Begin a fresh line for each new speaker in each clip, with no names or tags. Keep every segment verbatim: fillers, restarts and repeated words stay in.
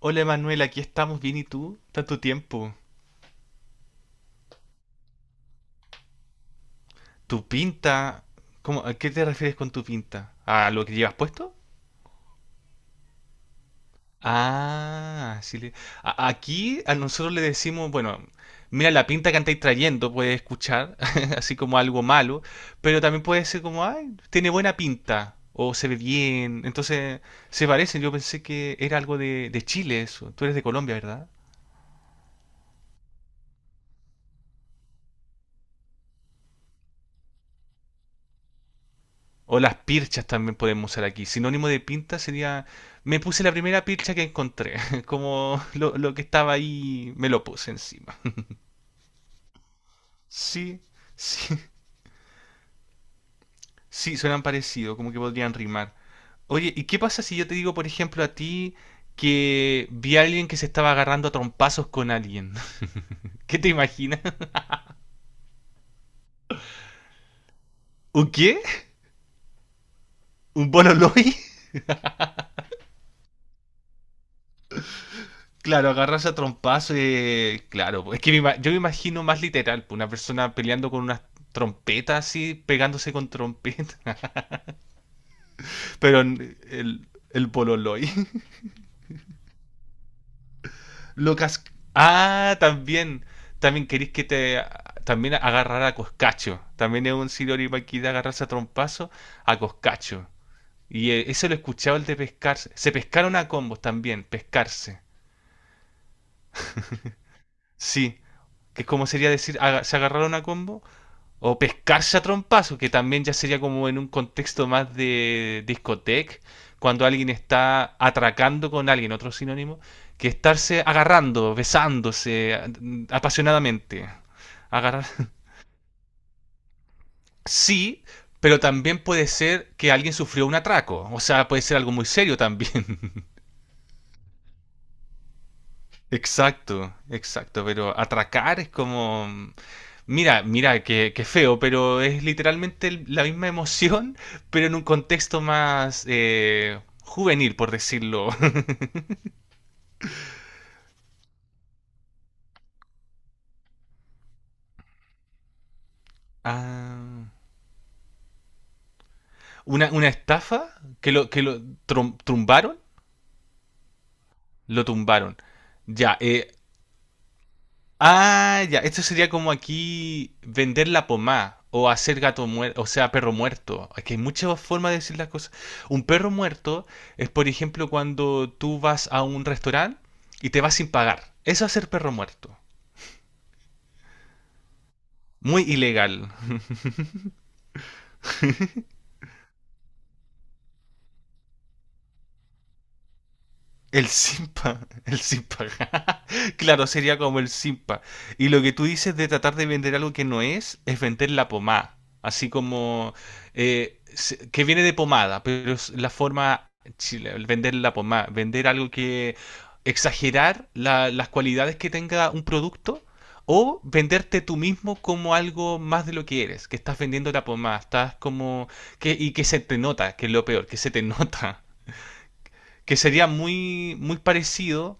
Hola Manuel, aquí estamos bien y tú, tanto tiempo. Tu pinta, ¿cómo, a qué te refieres con tu pinta? ¿A lo que llevas puesto? Ah, sí. Le- a- aquí a nosotros le decimos, bueno, mira la pinta que andáis trayendo, puedes escuchar, así como algo malo, pero también puede ser como, ay, tiene buena pinta, o se ve bien, entonces se parecen. Yo pensé que era algo de, de Chile eso. Tú eres de Colombia, ¿verdad? O las pirchas también podemos usar aquí. Sinónimo de pinta sería, me puse la primera pircha que encontré, como lo, lo que estaba ahí, me lo puse encima. Sí, sí, sí, suenan parecido, como que podrían rimar. Oye, ¿y qué pasa si yo te digo, por ejemplo, a ti que vi a alguien que se estaba agarrando a trompazos con alguien? ¿Qué te imaginas? ¿Un qué? ¿Un bololoi? Claro, agarrarse a trompazo y... Claro, pues, es que me ima- yo me imagino más literal, pues, una persona peleando con unas trompetas así, pegándose con trompetas. Pero n- el, el pololoy. Lucas... Ah, también. También querís que te... También agarrar a Coscacho. También es un siroripa aquí de agarrarse a trompazo a Coscacho. Y eh, eso lo escuchaba el de pescarse. Se pescaron a combos también, pescarse. Sí, que es como sería decir, aga- se agarraron a combo. O pescarse a trompazo, que también ya sería como en un contexto más de discoteca, cuando alguien está atracando con alguien, otro sinónimo, que estarse agarrando, besándose mm, apasionadamente. Agarrar. Sí, pero también puede ser que alguien sufrió un atraco. O sea, puede ser algo muy serio también. Exacto, exacto. Pero atracar es como. mm, Mira, mira, qué, qué feo, pero es literalmente el- la misma emoción, pero en un contexto más eh, juvenil, por decirlo. Ah, una, una estafa que lo, que lo trum- tumbaron, lo tumbaron. Ya, eh, ah, ya, esto sería como aquí vender la pomada o hacer gato muerto, o sea, perro muerto. Es que hay muchas formas de decir las cosas. Un perro muerto es, por ejemplo, cuando tú vas a un restaurante y te vas sin pagar. Eso es ser perro muerto. Muy ilegal. El simpa. El simpa. Claro, sería como el simpa. Y lo que tú dices de tratar de vender algo que no es, es vender la pomada. Así como. Eh, se- que viene de pomada, pero es la forma. Chile- el vender la pomada. Vender algo que. Exagerar la- las cualidades que tenga un producto. O venderte tú mismo como algo más de lo que eres. Que estás vendiendo la pomada. Estás como. Que, y que se te nota, que es lo peor, que se te nota. Que sería muy, muy parecido,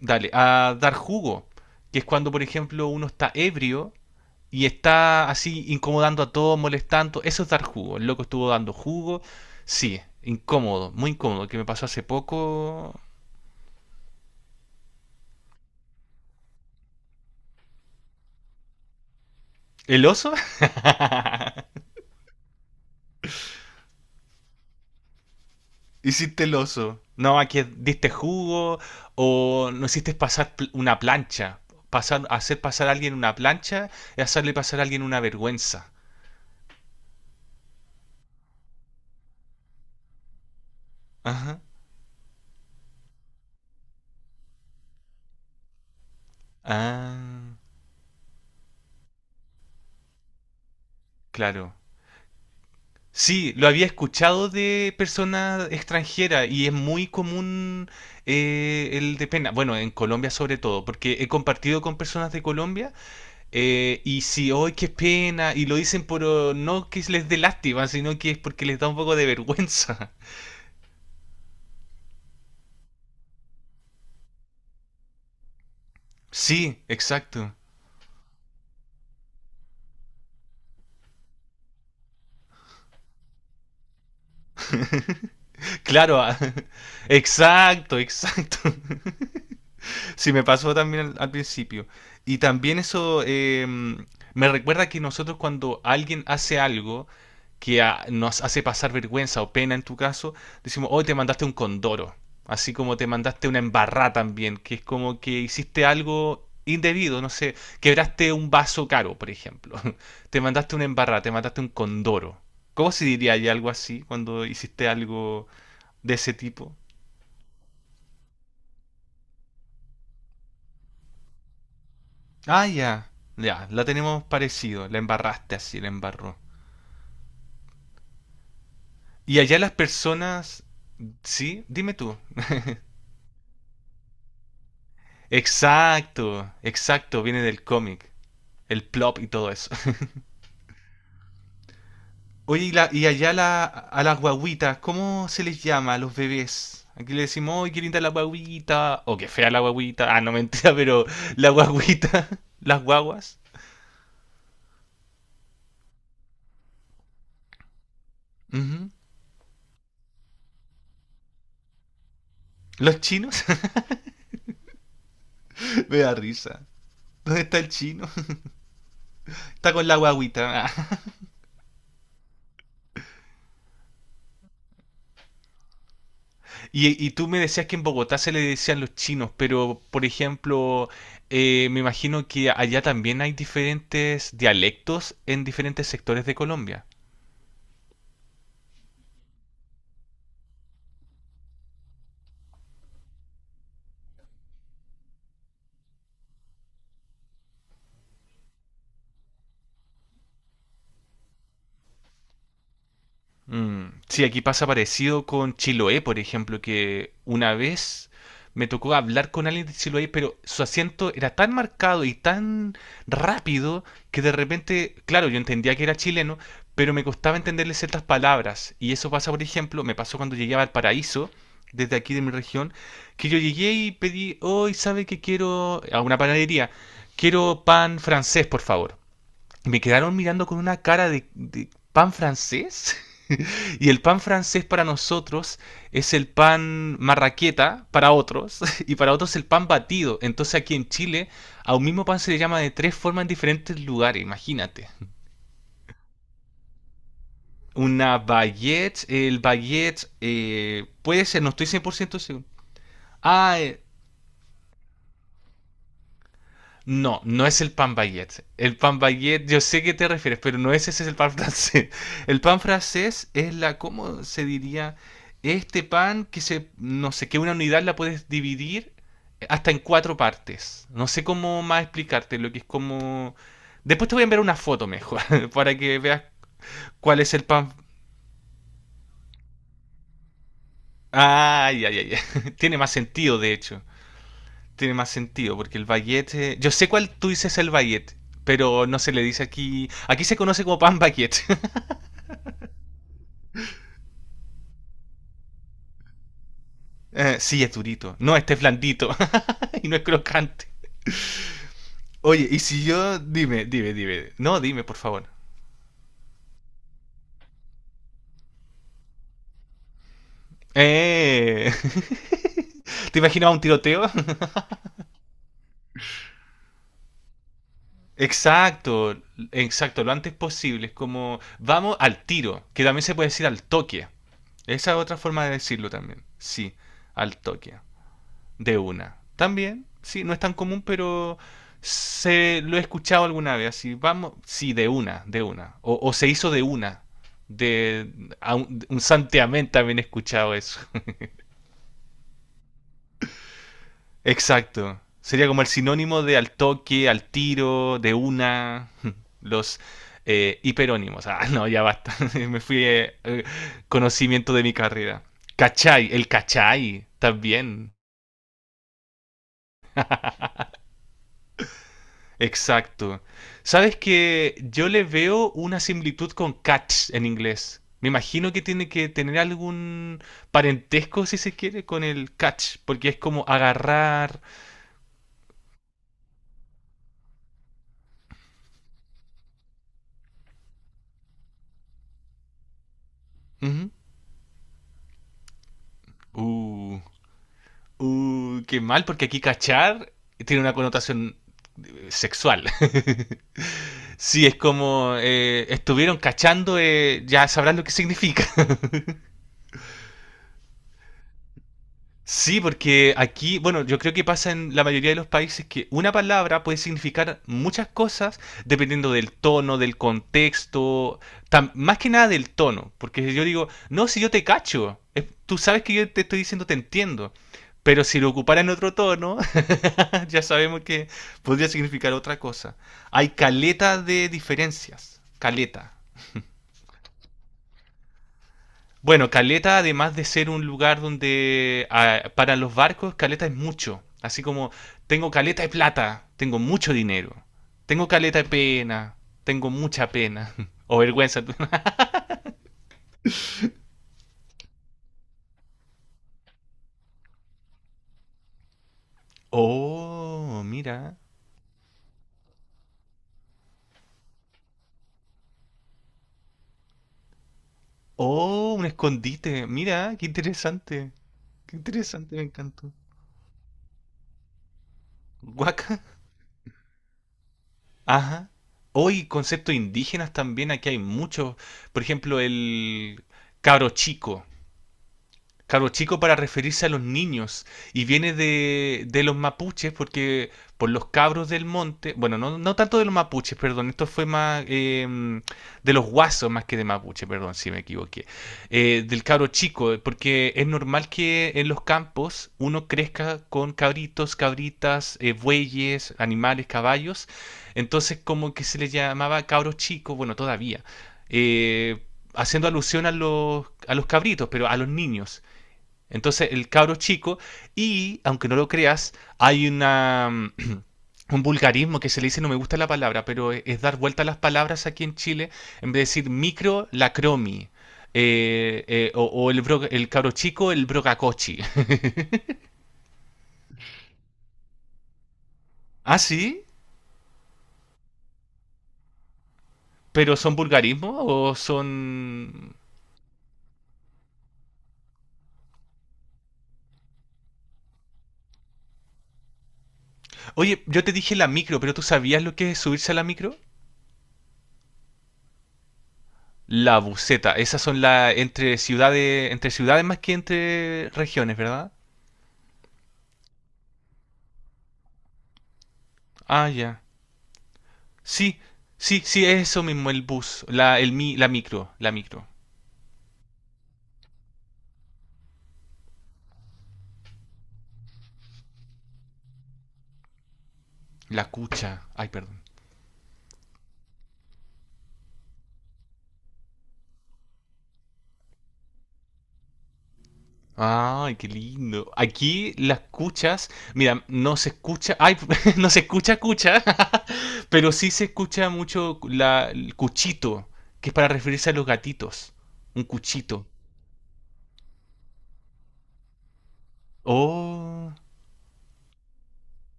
dale, a dar jugo, que es cuando, por ejemplo, uno está ebrio y está así incomodando a todos, molestando, eso es dar jugo, el loco estuvo dando jugo, sí, incómodo, muy incómodo, que me pasó hace poco... ¿El oso? Hiciste el oso. No, aquí diste jugo o no hiciste pasar pl- una plancha. Pasar, hacer pasar a alguien una plancha es hacerle pasar a alguien una vergüenza. Ajá. Ah. Claro. Sí, lo había escuchado de personas extranjeras y es muy común eh, el de pena. Bueno, en Colombia sobre todo, porque he compartido con personas de Colombia eh, y si, hoy qué pena, y lo dicen por oh, no que les dé lástima, sino que es porque les da un poco de vergüenza. Sí, exacto. Claro, ah, exacto, exacto. Sí, me pasó también al, al principio. Y también eso eh, me recuerda que nosotros cuando alguien hace algo que a- nos hace pasar vergüenza o pena en tu caso, decimos, hoy te mandaste un condoro. Así como te mandaste una embarrá también, que es como que hiciste algo indebido, no sé, quebraste un vaso caro, por ejemplo. Te mandaste una embarrá, te mandaste un condoro. ¿Cómo se diría ahí algo así cuando hiciste algo de ese tipo? Ah, ya. Ya, la tenemos parecido. La embarraste así, la embarró. Y allá las personas... Sí, dime tú. Exacto, exacto, viene del cómic. El plop y todo eso. Oye, y, la- y allá la- a las guaguitas, ¿cómo se les llama a los bebés? Aquí le decimos, ¡ay, qué linda la guaguita! O qué fea la guaguita. Ah, no, mentira, pero la guaguita, las guaguas. Ujú. ¿Los chinos? Me da risa. ¿Dónde está el chino? Está con la guaguita. Ah. Y, y tú me decías que en Bogotá se le decían los chinos, pero por ejemplo, eh, me imagino que allá también hay diferentes dialectos en diferentes sectores de Colombia. Mm, Sí, aquí pasa parecido con Chiloé, por ejemplo, que una vez me tocó hablar con alguien de Chiloé, pero su acento era tan marcado y tan rápido que de repente, claro, yo entendía que era chileno, pero me costaba entenderle ciertas palabras. Y eso pasa, por ejemplo, me pasó cuando llegué a Valparaíso, desde aquí de mi región, que yo llegué y pedí, hoy sabe que quiero a una panadería, quiero pan francés, por favor. Y me quedaron mirando con una cara de, de pan francés. Y el pan francés para nosotros es el pan marraqueta para otros y para otros el pan batido. Entonces aquí en Chile a un mismo pan se le llama de tres formas en diferentes lugares, imagínate. Una baguette, el baguette eh, puede ser, no estoy cien por ciento seguro. Ah, eh, no, no es el pan baguette. El pan baguette, yo sé que te refieres, pero no es ese, es el pan francés. El pan francés es la, ¿cómo se diría? Este pan que se, no sé, que una unidad la puedes dividir hasta en cuatro partes. No sé cómo más explicarte lo que es como... Después te voy a enviar una foto mejor, para que veas cuál es el pan... Ah, ya, ya, ya. Tiene más sentido, de hecho. Tiene más sentido, porque el baguette. eh, Yo sé cuál tú dices el baguette, pero no se le dice aquí. Aquí se conoce como pan baguette. Eh, sí, es durito. No, este es blandito y no es crocante. Oye, y si yo. Dime, dime, dime. No, dime, por favor. Eh. ¿Te imaginabas un tiroteo? Exacto, exacto, lo antes posible. Es como, vamos al tiro, que también se puede decir al toque. Esa es otra forma de decirlo también. Sí, al toque. De una. También, sí, no es tan común, pero se lo he escuchado alguna vez. Así, vamos, sí, de una, de una. O, o se hizo de una. De a un, un santiamén también he escuchado eso. Exacto. Sería como el sinónimo de al toque, al tiro, de una. Los eh, hiperónimos. Ah, no, ya basta. Me fui eh, eh, conocimiento de mi carrera. Cachai, el cachai también. Exacto. Sabes que yo le veo una similitud con catch en inglés. Me imagino que tiene que tener algún parentesco, si se quiere, con el catch, porque es como agarrar. Ujú. Uh, uh, qué mal, porque aquí cachar tiene una connotación eh, sexual. Sí, es como eh, estuvieron cachando, eh, ya sabrás lo que significa. Sí, porque aquí, bueno, yo creo que pasa en la mayoría de los países que una palabra puede significar muchas cosas dependiendo del tono, del contexto, tam- más que nada del tono, porque yo digo, no, si yo te cacho, es- tú sabes que yo te estoy diciendo te entiendo, pero si lo ocupara en otro tono, ya sabemos que podría significar otra cosa. Hay caleta de diferencias, caleta. Bueno, caleta, además de ser un lugar donde ah, para los barcos, caleta es mucho. Así como tengo caleta de plata, tengo mucho dinero. Tengo caleta de pena, tengo mucha pena. O vergüenza. Oh, mira. Oh, un escondite. Mira, qué interesante. Qué interesante, me encantó. Guaca. Ajá. Hoy conceptos indígenas también, aquí hay muchos. Por ejemplo, el cabro chico. Cabro chico para referirse a los niños. Y viene de, de los mapuches porque por los cabros del monte. Bueno, no, no tanto de los mapuches, perdón. Esto fue más eh, de los guasos más que de mapuche, perdón si me equivoqué. Eh, del cabro chico, porque es normal que en los campos uno crezca con cabritos, cabritas, eh, bueyes, animales, caballos. Entonces como que se le llamaba cabro chico, bueno, todavía. Eh, haciendo alusión a los, a los cabritos, pero a los niños. Entonces el cabro chico, y aunque no lo creas, hay una... un vulgarismo que se le dice, no me gusta la palabra, pero es dar vuelta a las palabras aquí en Chile, en vez de decir micro, la cromi, eh, eh, o, o el, bro- el cabro chico, el brocacochi. ¿Ah, sí? ¿Pero son vulgarismos o son...? Oye, yo te dije la micro, pero ¿tú sabías lo que es subirse a la micro? La buceta, esas son las entre ciudades, entre ciudades más que entre regiones, ¿verdad? Ah, ya. Sí, sí, sí, es eso mismo, el bus, la, el, mi- la micro, la micro, la cucha. Ay, perdón. Ay, qué lindo. Aquí las cuchas, mira, no se escucha, ay, no se escucha cucha, pero sí se escucha mucho la, el cuchito, que es para referirse a los gatitos. Un cuchito. Oh.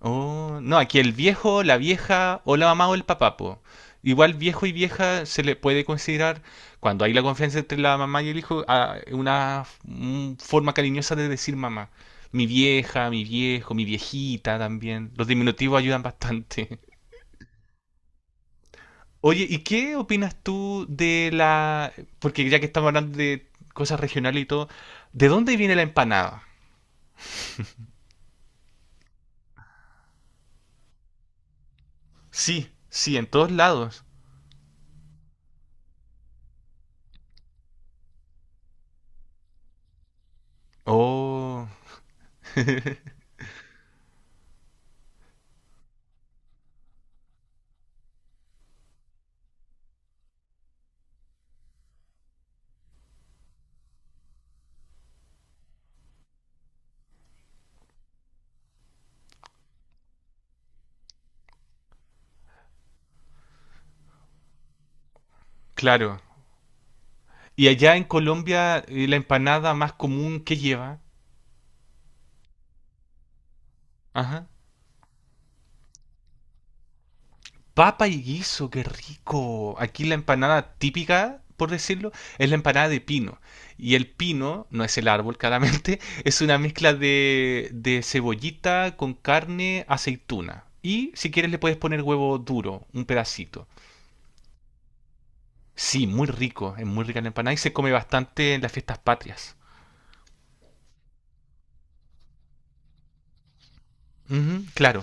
Oh, no, aquí el viejo, la vieja o la mamá o el papá, po. Igual viejo y vieja se le puede considerar, cuando hay la confianza entre la mamá y el hijo, a- una f- un forma cariñosa de decir mamá. Mi vieja, mi viejo, mi viejita también. Los diminutivos ayudan bastante. Oye, ¿y qué opinas tú de la... Porque ya que estamos hablando de cosas regionales y todo, ¿de dónde viene la empanada? Sí, sí, en todos lados. Oh, claro. Y allá en Colombia, eh, la empanada más común que lleva. Ajá. Papa y guiso, qué rico. Aquí la empanada típica, por decirlo, es la empanada de pino. Y el pino, no es el árbol claramente, es una mezcla de, de cebollita con carne, aceituna. Y si quieres le puedes poner huevo duro, un pedacito. Sí, muy rico, es muy rica la empanada y se come bastante en las fiestas patrias. Ujú, claro.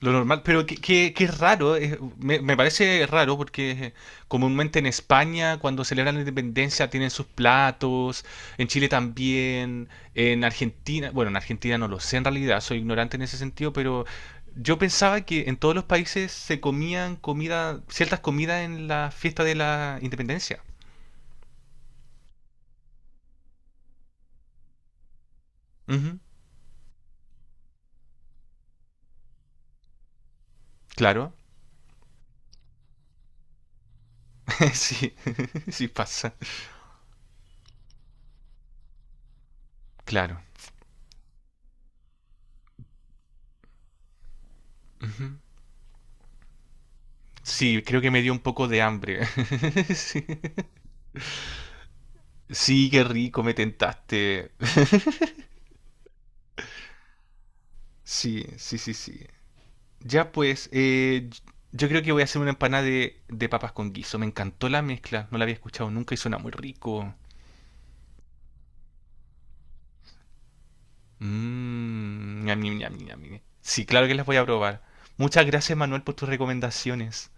Lo normal, pero que, que- que es raro, es- me, me parece raro porque eh, comúnmente en España cuando celebran la independencia tienen sus platos, en Chile también, en Argentina, bueno, en Argentina no lo sé en realidad, soy ignorante en ese sentido, pero yo pensaba que en todos los países se comían comida, ciertas comidas en la fiesta de la independencia. Ujú, claro, sí, sí pasa, claro. Ujú. Sí, creo que me dio un poco de hambre. Sí. Sí, qué rico, me tentaste. Sí, sí, sí, sí. Ya pues, eh, yo creo que voy a hacer una empanada de, de papas con guiso. Me encantó la mezcla, no la había escuchado nunca y suena muy rico. Mmm, ñam, ñam, ñam, ñam, ñam. Sí, claro que las voy a probar. Muchas gracias, Manuel, por tus recomendaciones.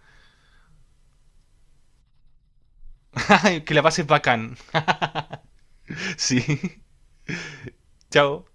Que la pases bacán. Sí, chao.